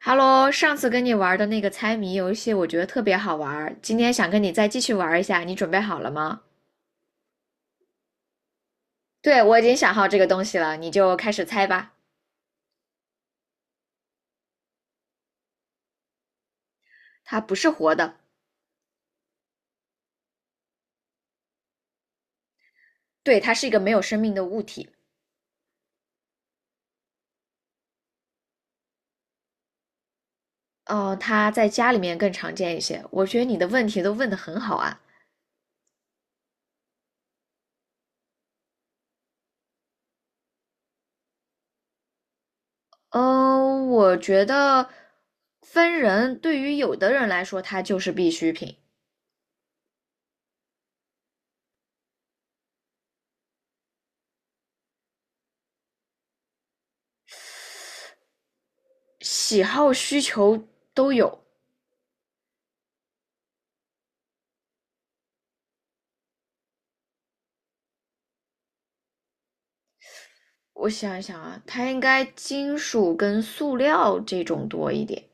Hello，上次跟你玩的那个猜谜游戏，我觉得特别好玩儿，今天想跟你再继续玩一下，你准备好了吗？对，我已经想好这个东西了，你就开始猜吧。它不是活的。对，它是一个没有生命的物体。嗯、它在家里面更常见一些。我觉得你的问题都问得很好啊。嗯、我觉得分人，对于有的人来说，它就是必需品。喜好需求都有。我想一想啊，它应该金属跟塑料这种多一点。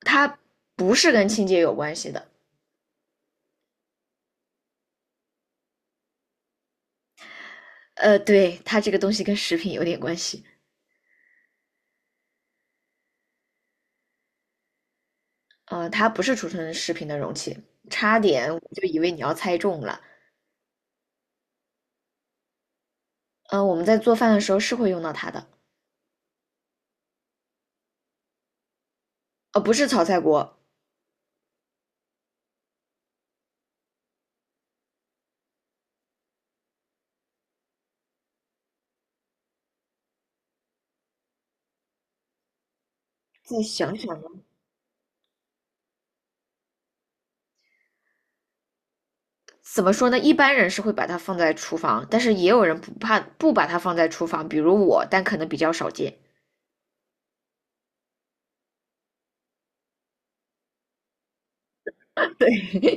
它不是跟清洁有关系的。对，它这个东西跟食品有点关系。它不是储存食品的容器，差点我就以为你要猜中了。我们在做饭的时候是会用到它的。不是炒菜锅。再想想吧。怎么说呢？一般人是会把它放在厨房，但是也有人不怕不把它放在厨房，比如我，但可能比较少见。对，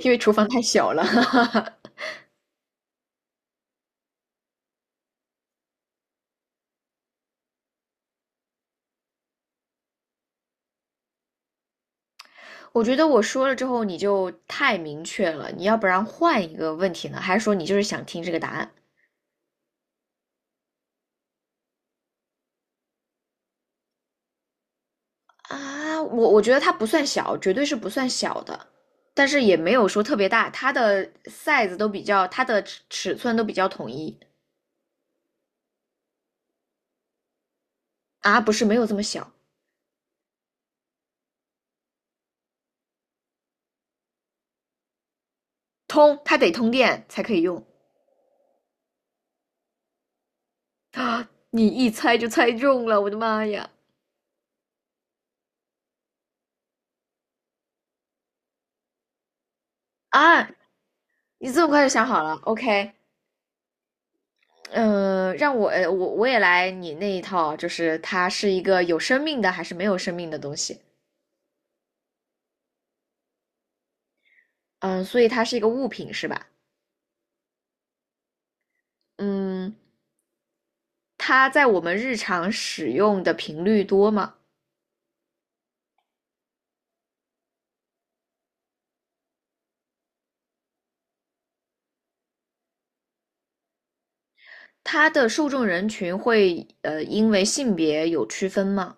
因为厨房太小了。我觉得我说了之后你就太明确了，你要不然换一个问题呢？还是说你就是想听这个答案啊？我觉得它不算小，绝对是不算小的，但是也没有说特别大。它的 size 都比较，它的尺寸都比较统一啊。不是没有这么小。它得通电才可以用。啊！你一猜就猜中了，我的妈呀！啊，你这么快就想好了？OK。嗯，让我呃我我也来你那一套，就是它是一个有生命的还是没有生命的东西？嗯，所以它是一个物品是吧？嗯，它在我们日常使用的频率多吗？它的受众人群会因为性别有区分吗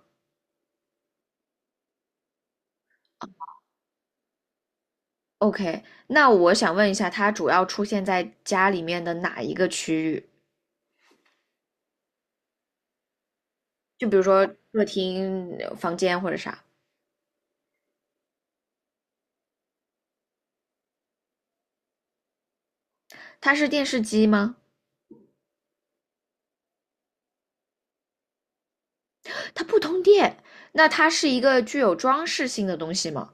？OK，那我想问一下，它主要出现在家里面的哪一个区域？就比如说客厅、房间或者啥？它是电视机吗？它不通电。那它是一个具有装饰性的东西吗？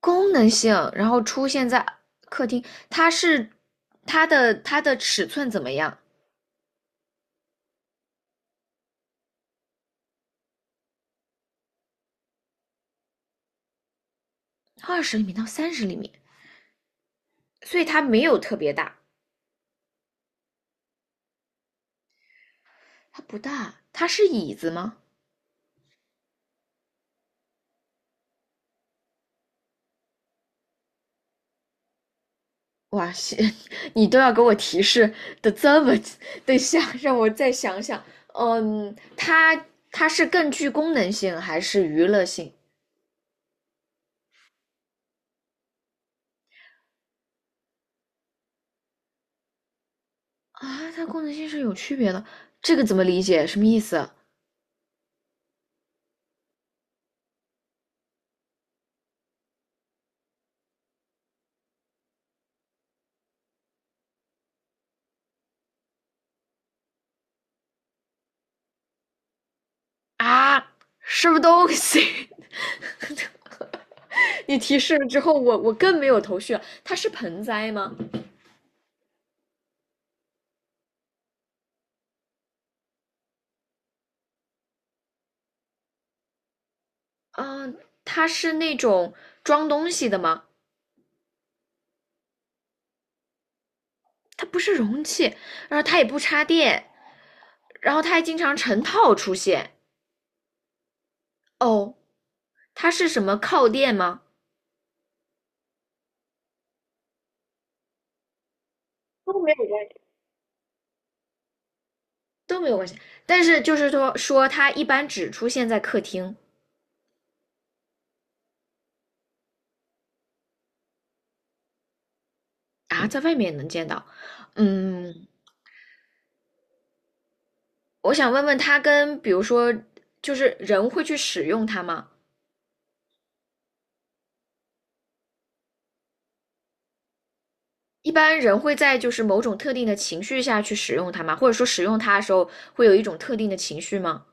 功能性，然后出现在客厅。它是它的尺寸怎么样？20厘米到30厘米，所以它没有特别大。它不大。它是椅子吗？哇塞，你都要给我提示的这么。等一下让我再想想。嗯，它是更具功能性还是娱乐性啊？它功能性是有区别的，这个怎么理解？什么意思啊？啊，什么东西？你提示了之后，我更没有头绪了。它是盆栽吗？嗯、它是那种装东西的吗？它不是容器。然后它也不插电。然后它还经常成套出现。哦，它是什么靠垫吗？都没有关系。都没有关系，但是就是说说它一般只出现在客厅啊。在外面也能见到。嗯，我想问问它跟比如说，就是人会去使用它吗？一般人会在就是某种特定的情绪下去使用它吗？或者说使用它的时候会有一种特定的情绪吗？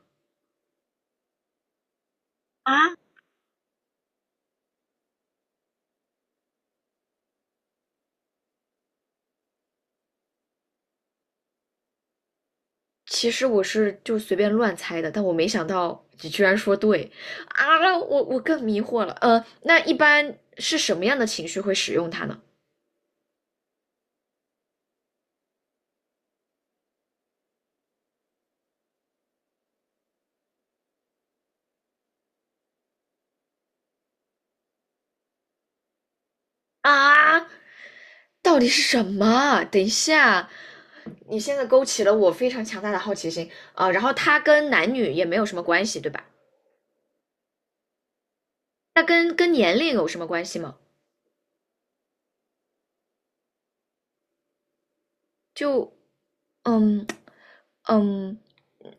啊，其实我是就随便乱猜的，但我没想到你居然说对啊！我更迷惑了。那一般是什么样的情绪会使用它呢？啊，到底是什么？等一下，你现在勾起了我非常强大的好奇心啊！然后它跟男女也没有什么关系，对吧？那跟年龄有什么关系吗？就嗯，嗯，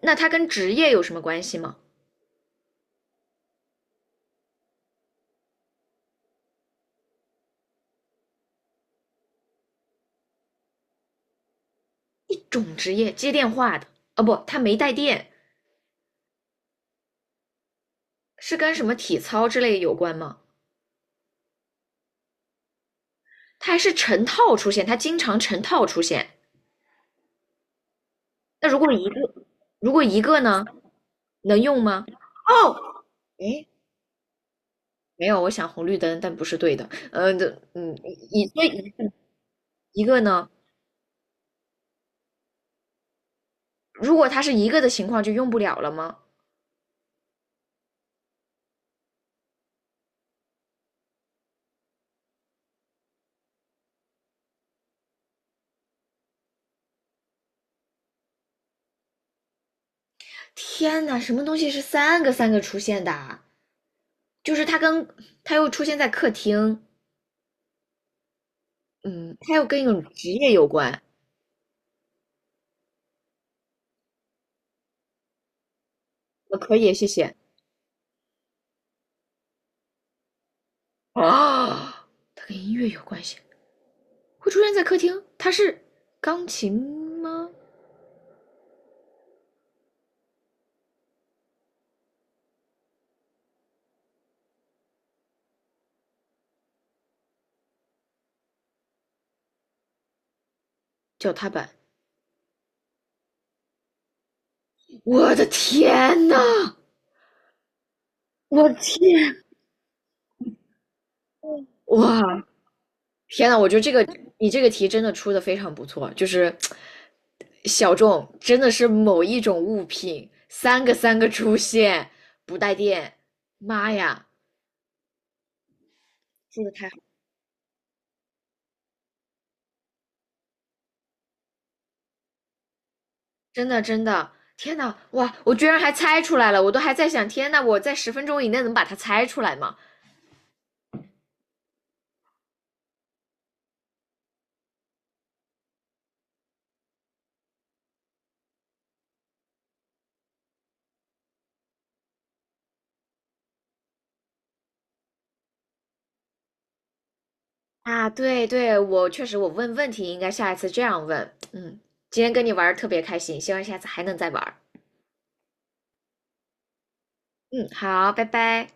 那它跟职业有什么关系吗？一种职业接电话的。哦不，它没带电。是跟什么体操之类有关吗？它还是成套出现，它经常成套出现。那如果一个呢，能用吗？哦，诶，没有，我想红绿灯，但不是对的。一一个呢，如果它是一个的情况，就用不了了吗？天呐，什么东西是三个三个出现的啊？就是它又出现在客厅。嗯，它又跟一种职业有关。可以，谢谢。啊 它跟音乐有关系，会出现在客厅。它是钢琴吗？脚踏板。我的天呐！我的天，哇，天呐！我觉得这个你这个题真的出的非常不错，就是小众，真的是某一种物品，三个三个出现，不带电。妈呀，的太好。真的真的，天呐，哇！我居然还猜出来了。我都还在想，天呐，我在10分钟以内能把它猜出来吗？啊，对对，我确实，我问问题应该下一次这样问。嗯，今天跟你玩儿特别开心，希望下次还能再玩儿。嗯，好，拜拜。